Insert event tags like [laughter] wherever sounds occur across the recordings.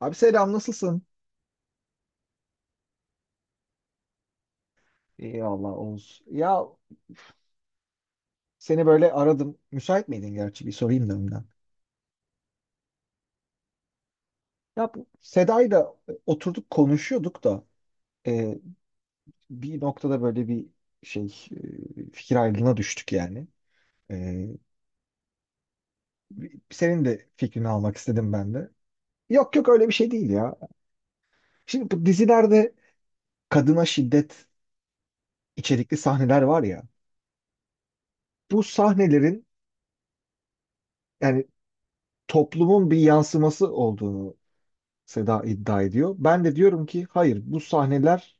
Abi selam nasılsın? İyi Allah Oğuz. Ya seni böyle aradım. Müsait miydin gerçi bir sorayım da önden. Ya bu Seda'yla oturduk konuşuyorduk da e, bir noktada böyle bir şey, fikir ayrılığına düştük yani. E, Senin de fikrini almak istedim ben de. Yok yok öyle bir şey değil ya. Şimdi bu dizilerde kadına şiddet içerikli sahneler var ya. Bu sahnelerin yani toplumun bir yansıması olduğunu Seda iddia ediyor. Ben de diyorum ki hayır, bu sahneler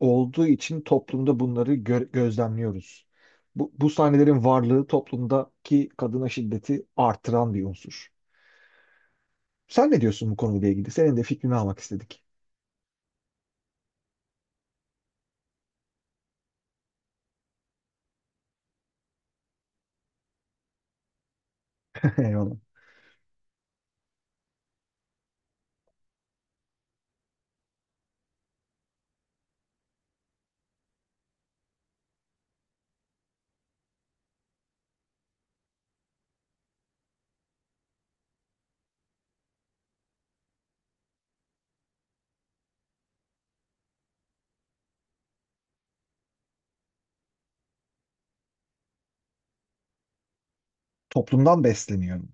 olduğu için toplumda bunları gözlemliyoruz. Bu sahnelerin varlığı toplumdaki kadına şiddeti artıran bir unsur. Sen ne diyorsun bu konuyla ilgili? Senin de fikrini almak istedik. [laughs] Eyvallah. Toplumdan besleniyorum.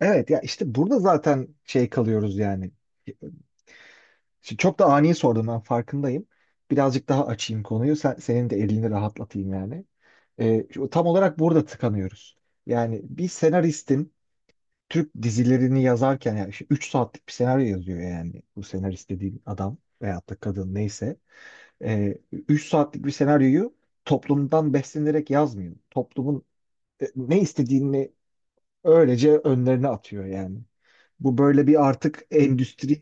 Evet ya, işte burada zaten şey kalıyoruz yani. Şimdi çok da ani sordum, ben farkındayım. Birazcık daha açayım konuyu. Senin de elini rahatlatayım yani. Tam olarak burada tıkanıyoruz. Yani bir senaristin Türk dizilerini yazarken, yani işte 3 saatlik bir senaryo yazıyor yani, bu senarist dediğin adam veyahut da kadın neyse. 3 saatlik bir senaryoyu toplumdan beslenerek yazmıyor. Toplumun ne istediğini öylece önlerine atıyor yani. Bu böyle bir artık endüstri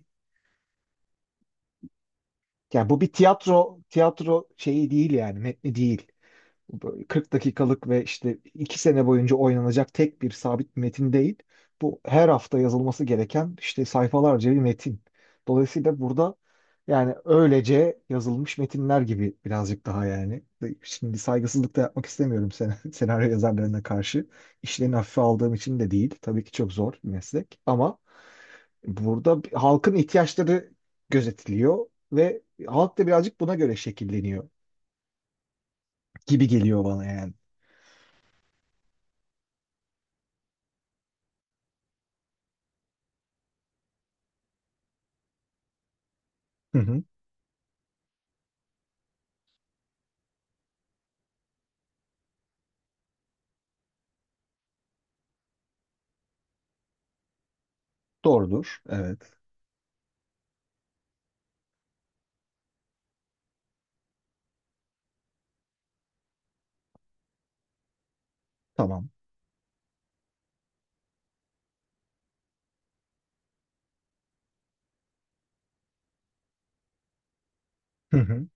yani, bu bir tiyatro şeyi değil yani, metni değil. Böyle 40 dakikalık ve işte 2 sene boyunca oynanacak tek bir sabit bir metin değil. Bu her hafta yazılması gereken işte sayfalarca bir metin. Dolayısıyla burada yani öylece yazılmış metinler gibi birazcık daha yani. Şimdi saygısızlık da yapmak istemiyorum sen [laughs] senaryo yazarlarına karşı. İşlerini hafife aldığım için de değil. Tabii ki çok zor bir meslek ama burada halkın ihtiyaçları gözetiliyor ve halk da birazcık buna göre şekilleniyor gibi geliyor bana yani. [laughs] Doğrudur. Evet. Tamam. Hı hı.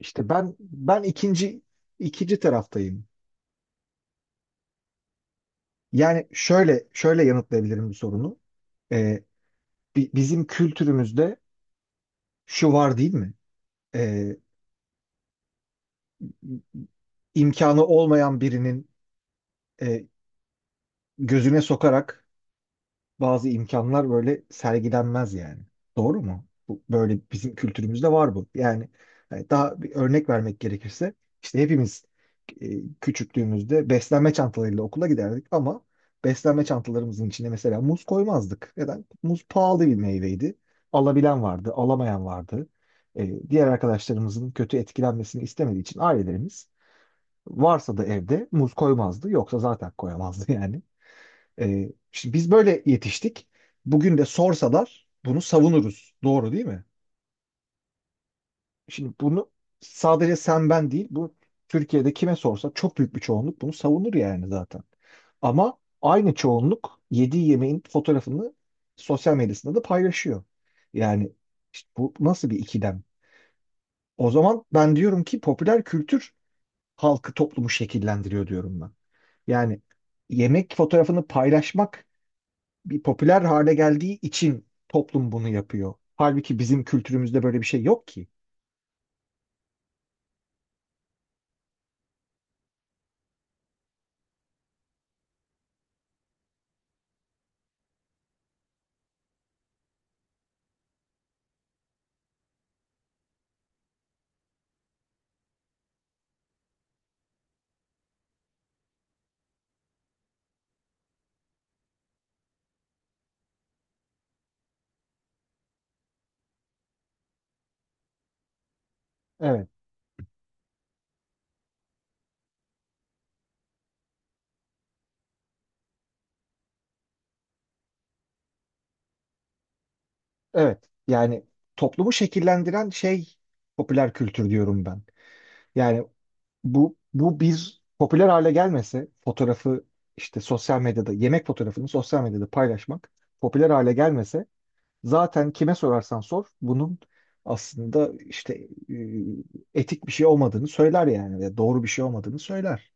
İşte ben ikinci ikinci taraftayım. Yani şöyle şöyle yanıtlayabilirim bu sorunu. Ee, bizim kültürümüzde şu var değil mi? Ee, imkanı olmayan birinin, e, gözüne sokarak bazı imkanlar böyle sergilenmez yani. Doğru mu? Bu, böyle bizim kültürümüzde var bu. Yani hani daha bir örnek vermek gerekirse, işte hepimiz, e, küçüklüğümüzde beslenme çantalarıyla okula giderdik ama beslenme çantalarımızın içine mesela muz koymazdık. Neden? Muz pahalı bir meyveydi. Alabilen vardı, alamayan vardı. E, diğer arkadaşlarımızın kötü etkilenmesini istemediği için ailelerimiz varsa da evde muz koymazdı, yoksa zaten koyamazdı [laughs] yani. Şimdi biz böyle yetiştik. Bugün de sorsalar bunu savunuruz. Doğru değil mi? Şimdi bunu sadece sen ben değil, bu Türkiye'de kime sorsa çok büyük bir çoğunluk bunu savunur yani zaten. Ama aynı çoğunluk yediği yemeğin fotoğrafını sosyal medyasında da paylaşıyor. Yani işte bu nasıl bir ikilem? O zaman ben diyorum ki popüler kültür halkı toplumu şekillendiriyor diyorum ben. Yani yemek fotoğrafını paylaşmak bir popüler hale geldiği için toplum bunu yapıyor. Halbuki bizim kültürümüzde böyle bir şey yok ki. Evet, evet. Yani toplumu şekillendiren şey popüler kültür diyorum ben. Yani bu bir popüler hale gelmese fotoğrafı, işte sosyal medyada yemek fotoğrafını sosyal medyada paylaşmak popüler hale gelmese zaten kime sorarsan sor bunun aslında işte etik bir şey olmadığını söyler yani ve doğru bir şey olmadığını söyler.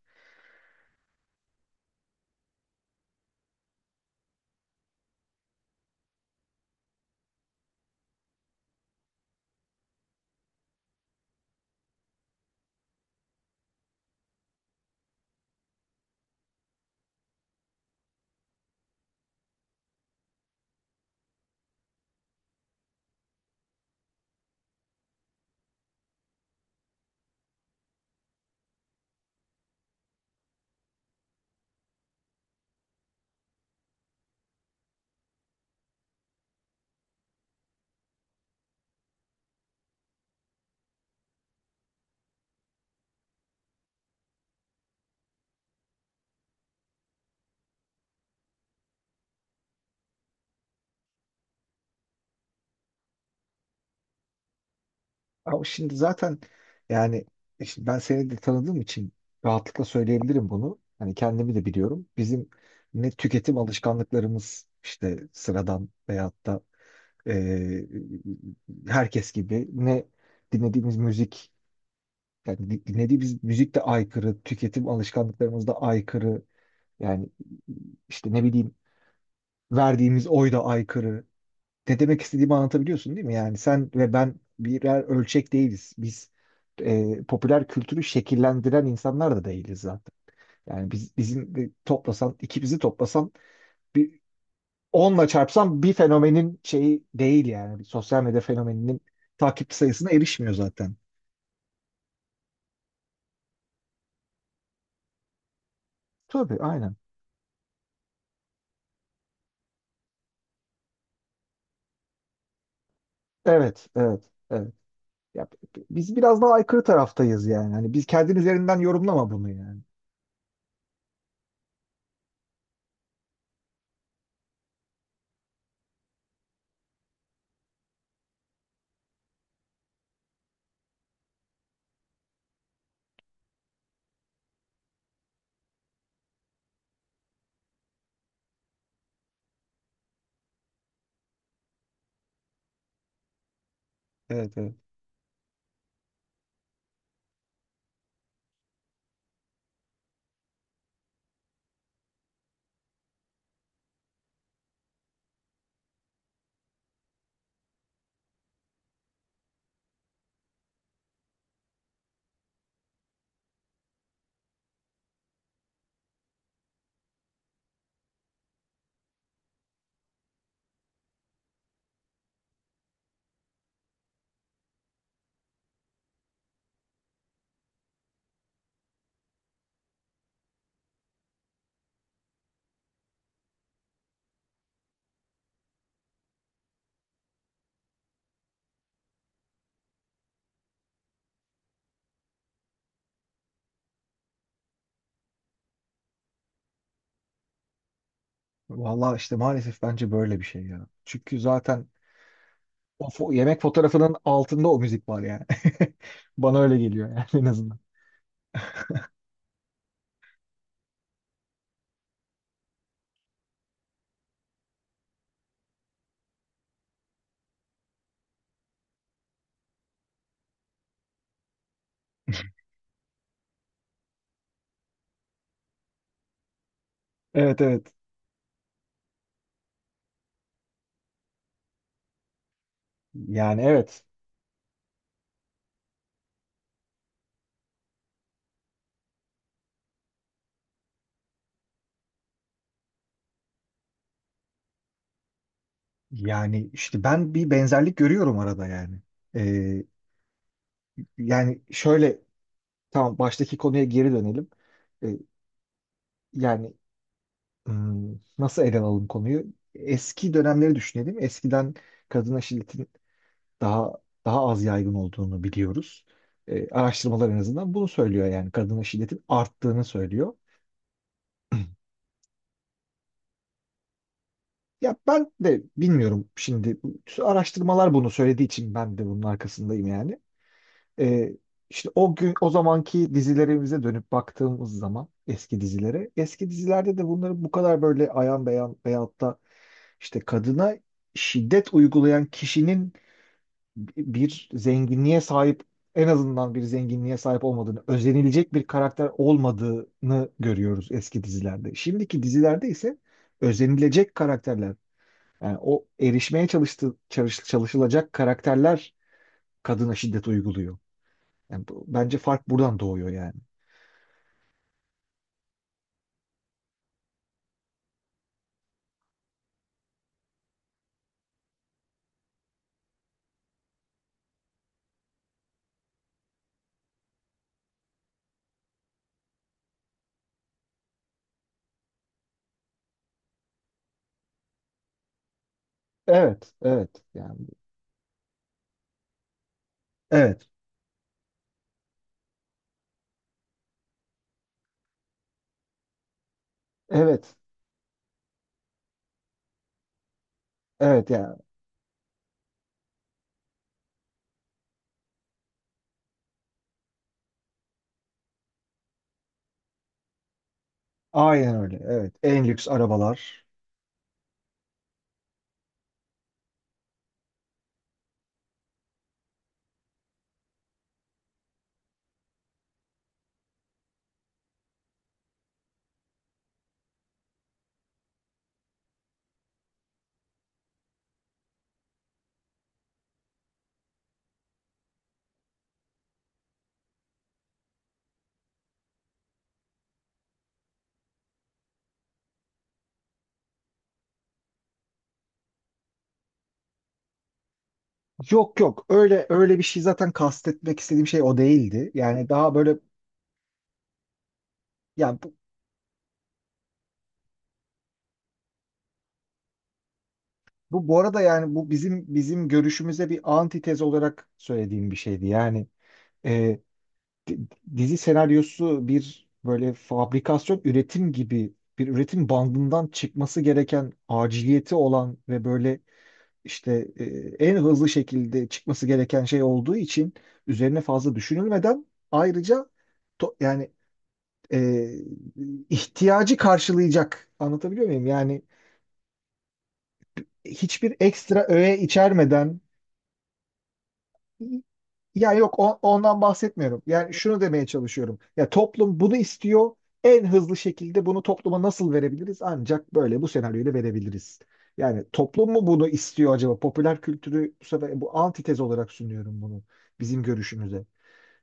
Ama şimdi zaten yani işte ben seni de tanıdığım için rahatlıkla söyleyebilirim bunu. Hani kendimi de biliyorum. Bizim ne tüketim alışkanlıklarımız işte sıradan veyahut da eee, herkes gibi, ne dinlediğimiz müzik, yani dinlediğimiz müzik de aykırı, tüketim alışkanlıklarımız da aykırı. Yani işte ne bileyim, verdiğimiz oy da aykırı, ne demek istediğimi anlatabiliyorsun değil mi? Yani sen ve ben birer ölçek değiliz. Biz, popüler kültürü şekillendiren insanlar da değiliz zaten. Yani biz bizim de toplasan, ikimizi toplasan bir onla çarpsan bir fenomenin şeyi değil yani. Bir sosyal medya fenomeninin takipçi sayısına erişmiyor zaten. Tabii aynen. Evet, evet, evet. Ya, biz biraz daha aykırı taraftayız yani. Hani biz kendin üzerinden yorumlama bunu yani. Evet, evet. Vallahi işte maalesef bence böyle bir şey ya. Çünkü zaten o yemek fotoğrafının altında o müzik var yani. [laughs] Bana öyle geliyor yani en azından. Evet evet. Yani evet. Yani işte ben bir benzerlik görüyorum arada yani. Ee, yani şöyle tamam, baştaki konuya geri dönelim. Ee, yani hmm, nasıl ele alalım konuyu? Eski dönemleri düşünelim. Eskiden kadına şiddetin daha az yaygın olduğunu biliyoruz. Araştırmalar en azından bunu söylüyor yani. Kadına şiddetin arttığını söylüyor. Ya ben de bilmiyorum şimdi, araştırmalar bunu söylediği için ben de bunun arkasındayım yani. Ee, işte o gün o zamanki dizilerimize dönüp baktığımız zaman eski dizilere, eski dizilerde de bunları bu kadar böyle ayan beyan veyahut da işte kadına şiddet uygulayan kişinin bir zenginliğe sahip, en azından bir zenginliğe sahip olmadığını, özenilecek bir karakter olmadığını görüyoruz eski dizilerde. Şimdiki dizilerde ise özenilecek karakterler, yani o erişmeye çalışılacak karakterler kadına şiddet uyguluyor. Yani bence fark buradan doğuyor yani. Evet, evet. Yani evet, evet, evet yani. Aynen öyle. Evet. En lüks arabalar. Yok yok. Öyle öyle bir şey zaten, kastetmek istediğim şey o değildi. Yani daha böyle yani. Bu arada yani bu bizim görüşümüze bir antitez olarak söylediğim bir şeydi. Yani e, di- dizi senaryosu bir böyle fabrikasyon üretim gibi bir üretim bandından çıkması gereken, aciliyeti olan ve böyle işte en hızlı şekilde çıkması gereken şey olduğu için üzerine fazla düşünülmeden, ayrıca yani e, ihtiyacı karşılayacak, anlatabiliyor muyum? Yani hiçbir ekstra öğe içermeden. Yani yok, ondan bahsetmiyorum. Yani şunu demeye çalışıyorum. Ya toplum bunu istiyor. En hızlı şekilde bunu topluma nasıl verebiliriz? Ancak böyle bu senaryoyla verebiliriz. Yani toplum mu bunu istiyor acaba? Popüler kültürü bu sefer bu antitez olarak sunuyorum bunu bizim görüşümüze.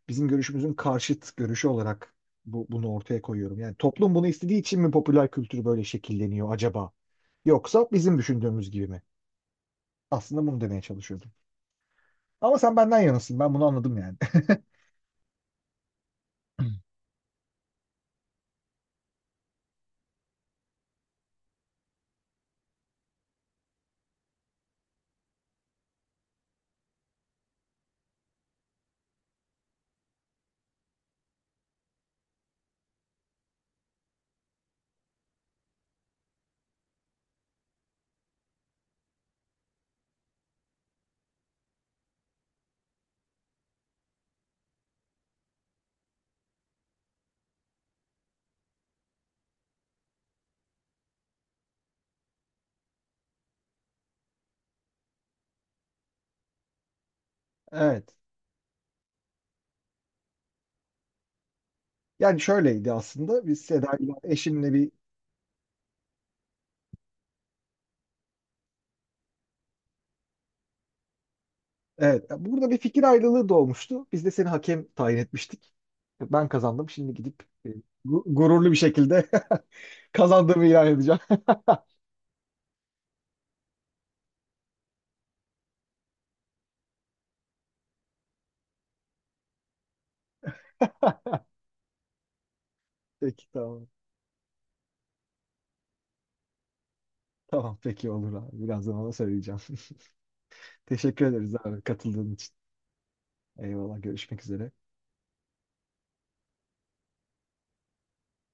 Bizim görüşümüzün karşıt görüşü olarak bunu ortaya koyuyorum. Yani toplum bunu istediği için mi popüler kültür böyle şekilleniyor acaba? Yoksa bizim düşündüğümüz gibi mi? Aslında bunu demeye çalışıyordum. Ama sen benden yanasın. Ben bunu anladım yani. [laughs] Evet. Yani şöyleydi aslında. Biz Seda'yla eşimle bir, evet, burada bir fikir ayrılığı doğmuştu. Biz de seni hakem tayin etmiştik. Ben kazandım. Şimdi gidip gururlu bir şekilde [laughs] kazandığımı ilan edeceğim. [laughs] Peki tamam. Tamam peki olur abi. Birazdan ona söyleyeceğim. [laughs] Teşekkür ederiz abi katıldığın için. Eyvallah, görüşmek üzere.